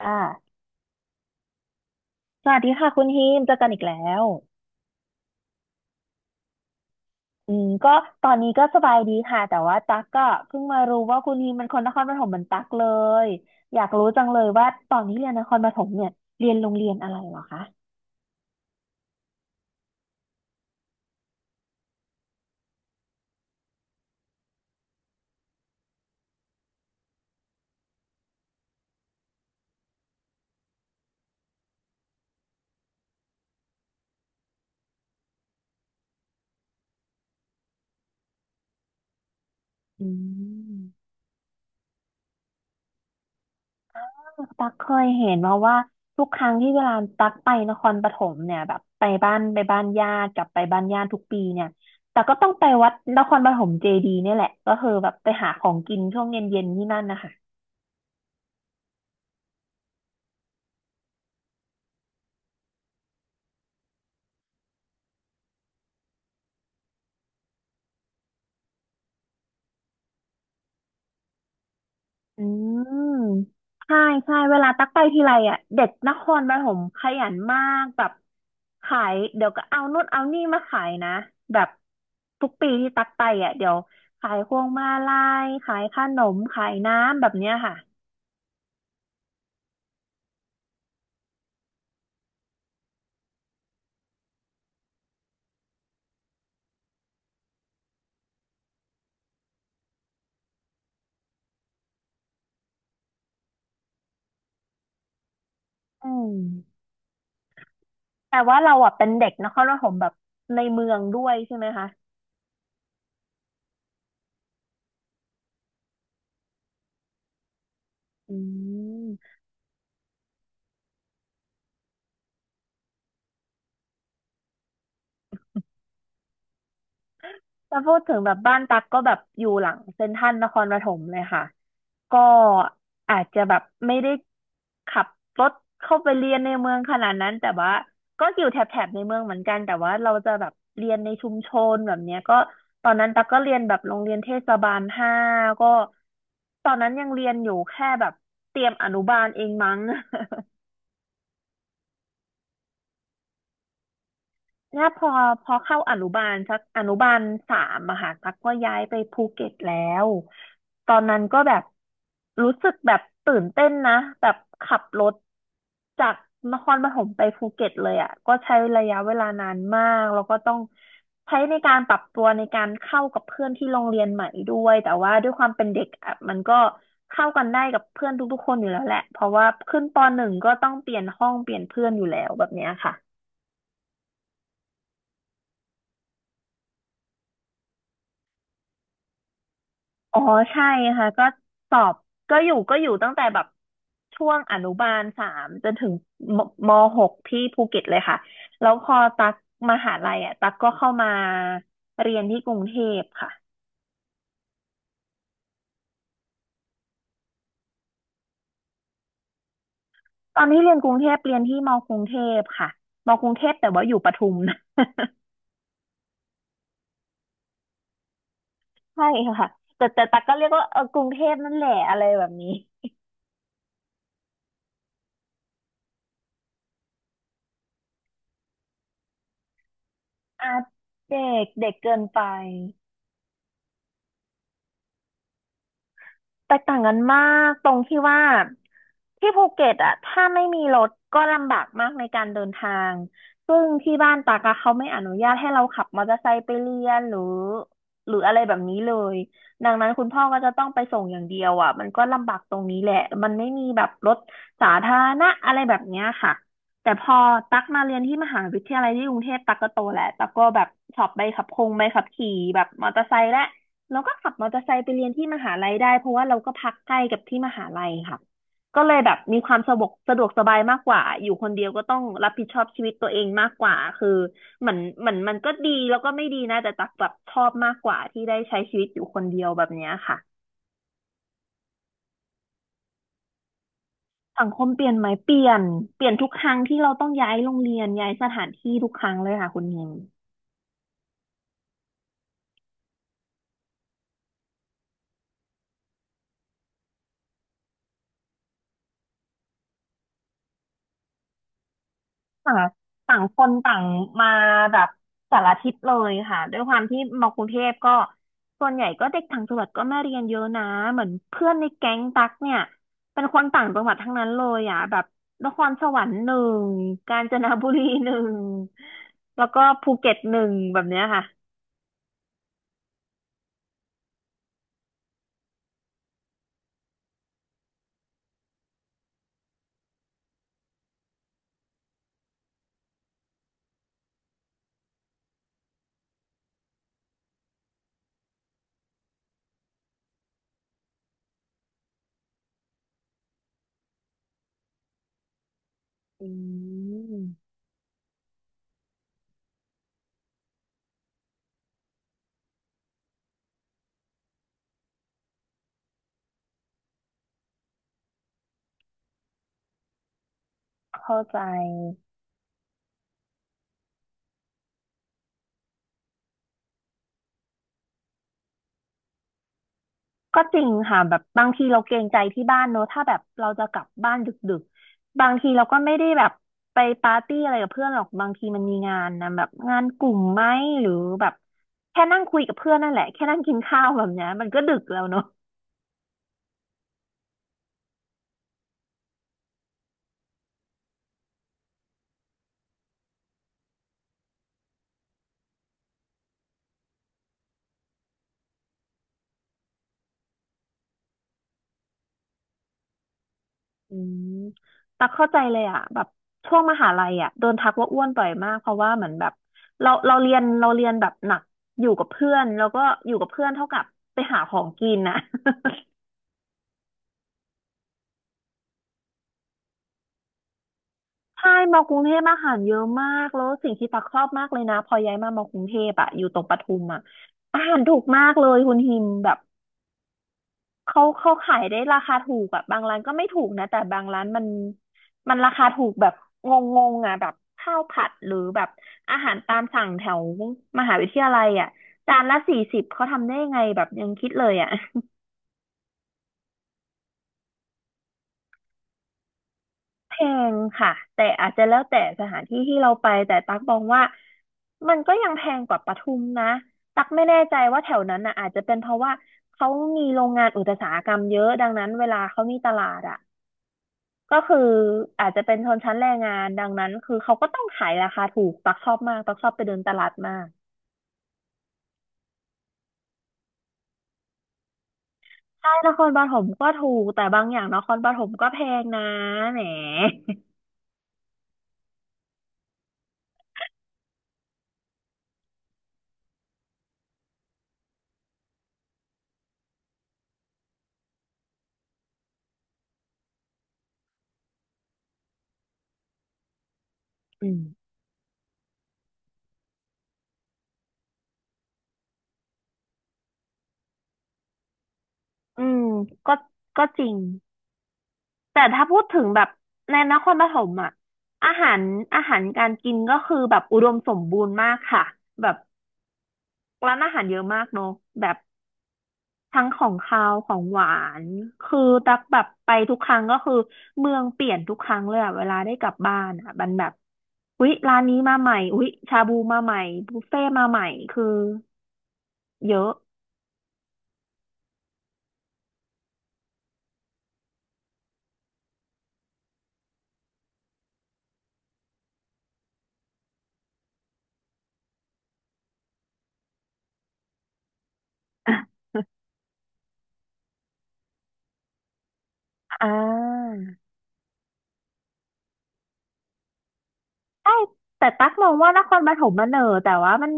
อ่าสวัสดีค่ะคุณฮิมเจอกันอีกแล้วอืมก็ตอนนี้ก็สบายดีค่ะแต่ว่าตั๊กก็เพิ่งมารู้ว่าคุณฮิมเป็นคนนครปฐมเหมือนตั๊กเลยอยากรู้จังเลยว่าตอนนี้เรียนนครปฐมเนี่ยเรียนโรงเรียนอะไรเหรอคะอืมตั๊กเคยเห็นมาว่าทุกครั้งที่เวลาตั๊กไปนครปฐมเนี่ยแบบไปบ้านญาติกลับไปบ้านญาติทุกปีเนี่ยแต่ก็ต้องไปวัดนครปฐมเจดีย์เนี่ยแหละก็คือแบบไปหาของกินช่วงเย็นๆที่นั่นนะคะ อืมใช่ใช่เวลาตักไปทีไรอ่ะเด็กนครปฐมขยันมากแบบขายเดี๋ยวก็เอานู่นเอานี่มาขายนะแบบทุกปีที่ตักไปอ่ะเดี๋ยวขายพวงมาลัยขายขนมขายน้ำแบบเนี้ยค่ะอืมแต่ว่าเราอ่ะเป็นเด็กนครปฐมแบบในเมืองด้วยใช่ไหมคะอืม ถ้าพูดถึงแบบบ้านตักก็แบบอยู่หลังเซ็นทรัลนครปฐมเลยค่ะก็อาจจะแบบไม่ได้ขับรถเข้าไปเรียนในเมืองขนาดนั้นแต่ว่าก็อยู่แถบในเมืองเหมือนกันแต่ว่าเราจะแบบเรียนในชุมชนแบบเนี้ยก็ตอนนั้นตักก็เรียนแบบโรงเรียนเทศบาลห้าก็ตอนนั้นยังเรียนอยู่แค่แบบเตรียมอนุบาลเองมั้ง ถ้าพอเข้าอนุบาลสักอนุบาลสามอะค่ะตักก็ย้ายไปภูเก็ตแล้วตอนนั้นก็แบบรู้สึกแบบตื่นเต้นนะแบบขับรถจากนครปฐมไปภูเก็ตเลยอะก็ใช้ระยะเวลานานมากแล้วก็ต้องใช้ในการปรับตัวในการเข้ากับเพื่อนที่โรงเรียนใหม่ด้วยแต่ว่าด้วยความเป็นเด็กอะมันก็เข้ากันได้กับเพื่อนทุกๆคนอยู่แล้วแหละเพราะว่าขึ้นป.1ก็ต้องเปลี่ยนห้องเปลี่ยนเพื่อนอยู่แล้วแบบเนี้ยค่ะ อ๋อใช่ค่ะก็สอบก็อยู่ตั้งแต่แบบช่วงอนุบาลสามจนถึงมม6ที่ภูเก็ตเลยค่ะแล้วพอตักมหาลัยอ่ะตักก็เข้ามาเรียนที่กรุงเทพค่ะตอนที่เรียนกรุงเทพเรียนที่มกรุงเทพค่ะมกรุงเทพแต่ว่าอยู่ปทุม นะใช่ค่ะแต่ตักก็เรียกว่าเออกรุงเทพนั่นแหละอะไรแบบนี้อาเด็กเด็กเกินไป แตกต่างกันมากตรงที่ว่าที่ภูเก็ตอะถ้าไม่มีรถก็ลำบากมากในการเดินทางซึ่งที่บ้านตากอะเขาไม่อนุญาตให้เราขับมอเตอร์ไซค์ไปเรียนหรืออะไรแบบนี้เลยดังนั้นคุณพ่อก็จะต้องไปส่งอย่างเดียวอะมันก็ลำบากตรงนี้แหละมันไม่มีแบบรถสาธารณะอะไรแบบเนี้ยค่ะแต่พอตักมาเรียนที่มหาวิทยาลัยที่กรุงเทพตักก็โตแล้วตักก็แบบสอบใบขับคงใบขับขี่แบบมอเตอร์ไซค์และ เราก็ขับมอเตอร์ไซค์ไปเรียนที่มหาลัยได้เพราะว่าเราก็พักใกล้กับที่มหาลัยค่ะก็เลยแบบมีความสะดวกสบายมากกว่าอยู่คนเดียวก็ต้องรับผิดชอบชีวิตตัวเองมากกว่าคือเหมือนมันก็ดีแล้วก็ไม่ดีนะแต่ตักแบบชอบมากกว่าที่ได้ใช้ชีวิตอยู่คนเดียวแบบเนี้ยค่ะสังคมเปลี่ยนไหมเปลี่ยนทุกครั้งที่เราต้องย้ายโรงเรียนย้ายสถานที่ทุกครั้งเลยค่ะคุณเฮง ต่างต่างคนต่างมาแบบสารทิศเลยค่ะด้วยความที่มากรุงเทพก็ส่วนใหญ่ก็เด็กต่างจังหวัดก็มาเรียนเยอะนะเหมือนเพื่อนในแก๊งตักเนี่ยเป็นคนต่างจังหวัดทั้งนั้นเลยอ่ะแบบนครสวรรค์หนึ่งกาญจนบุรีหนึ่งแล้วก็ภูเก็ตหนึ่งแบบเนี้ยค่ะอืมเข้าใจ ก็จริงค่ะแบบบางทีเราเกรงใจที่บ้านเนอะถ้าแบบเราจะกลับบ้านดึกๆบางทีเราก็ไม่ได้แบบไปปาร์ตี้อะไรกับเพื่อนหรอกบางทีมันมีงานนะแบบงานกลุ่มไหมหรือแบบแค่นั่งคุยกับเพื่อนนั่นแหละแค่นั่งกินข้าวแบบเนี้ยมันก็ดึกแล้วเนอะอืมตักเข้าใจเลยอ่ะแบบช่วงมหาลัยอ่ะโดนทักว่าอ้วนบ่อยมากเพราะว่าเหมือนแบบเราเรียนเราเรียนแบบหนักอยู่กับเพื่อนแล้วก็อยู่กับเพื่อนเท่ากับไปหาของกินนะ ใช่มอกรุงเทพอาหารเยอะมากแล้วสิ่งที่ตักชอบมากเลยนะพอย้ายมามอกรุงเทพอะอยู่ตรงปทุมอะอาหารถูกมากเลยคุณฮิมแบบเขาขายได้ราคาถูกแบบบางร้านก็ไม่ถูกนะแต่บางร้านมันราคาถูกแบบงงๆอะแบบข้าวผัดหรือแบบอาหารตามสั่งแถวมหาวิทยาลัยอะจานละ40เขาทำได้ยังไงแบบยังคิดเลยอะ แพงค่ะแต่อาจจะแล้วแต่สถานที่ที่เราไปแต่ตักมองว่ามันก็ยังแพงกว่าปทุมนะตักไม่แน่ใจว่าแถวนั้นน่ะอาจจะเป็นเพราะว่าเขามีโรงงานอุตสาหกรรมเยอะดังนั้นเวลาเขามีตลาดอ่ะก็คืออาจจะเป็นชนชั้นแรงงานดังนั้นคือเขาก็ต้องขายราคาถูกตักชอบมากตักชอบไปเดินตลาดมากใช่นครปฐมก็ถูกแต่บางอย่างนครปฐมก็แพงนะแหมอืมอืมก็ก็จริง แต่ถ้าพูดถึงแบบในนครปฐมอ่ะอาหารอาหารการกินก็คือแบบอุดมสมบูรณ์มากค่ะแบบร้านอาหารเยอะมากเนอะแบบทั้งของคาวของหวานคือตักแบบไปทุกครั้งก็คือเมืองเปลี่ยนทุกครั้งเลยอะเวลาได้กลับบ้านอะมันแบบอุ๊ยร้านนี้มาใหม่อุ๊ยชาบูมาใหม่บุฟเฟ่มาใหม่คือเยอะ อ่า ใช่แต่ตั๊กมองว่านครปฐมมันเหน่อแต่ว่ามัน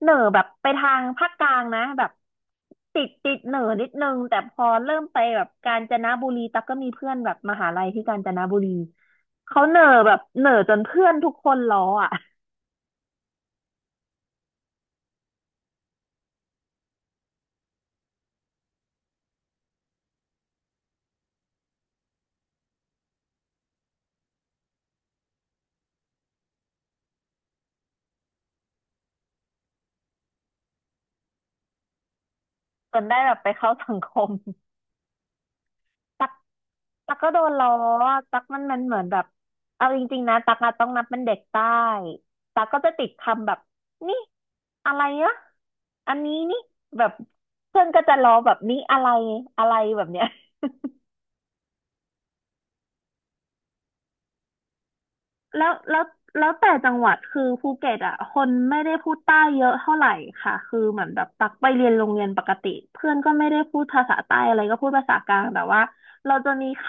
เหน่อแบบไปทางภาคกลางนะแบบติดเหน่อนิดนึงแต่พอเริ่มไปแบบกาญจนบุรีตั๊กก็มีเพื่อนแบบมหาลัยที่กาญจนบุรีเขาเหน่อแบบเหน่อจนเพื่อนทุกคนล้ออ่ะจนได้แบบไปเข้าสังคม ตักตักก็โดนล้ออะตักมันเหมือนแบบเอาจริงๆนะตักอะต้องนับเป็นเด็กใต้ตักก็จะติดคำแบบนี่อะไรอะอันนี้นี่แบบเพื่อนก็จะล้อแบบนี่อะไรอะไรแบบเนี้ย แล้วแล้วแล้วแต่จังหวัดคือภูเก็ตอ่ะคนไม่ได้พูดใต้เยอะเท่าไหร่ค่ะคือเหมือนแบบตักไปเรียนโรงเรียนปกติเพื่อนก็ไม่ได้พูดภาษาใต้อะไรก็พูดภาษากลางแต่ว่าเราจะมีค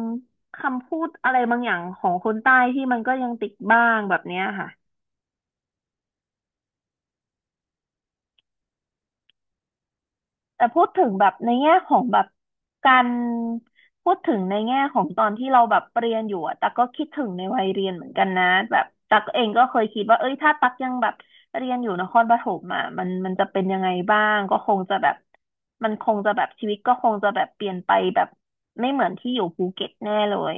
ำคำพูดอะไรบางอย่างของคนใต้ที่มันก็ยังติดบ้างแบบเนี้ยค่ะ แต่พูดถึงแบบในแง่ของแบบการพูดถึงในแง่ของตอนที่เราแบบเรียนอยู่อะตักก็คิดถึงในวัยเรียนเหมือนกันนะแบบตักเองก็เคยคิดว่าเอ้ยถ้าตักยังแบบเรียนอยู่นครปฐมอ่ะมันมันจะเป็นยังไงบ้างก็คงจะแบบมันคงจะแบบชีวิตก็คงจะแบบเปลี่ยนไปแบบไม่เหมือนที่อยู่ภูเก็ตแน่เลย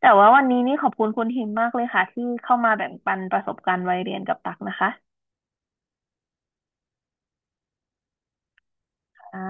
แต่ว่าวันนี้นี่ขอบคุณคุณทิมมากเลยค่ะที่เข้ามาแบ่งปันประสบการณ์วัยเรียนกับตักนะคะอ่า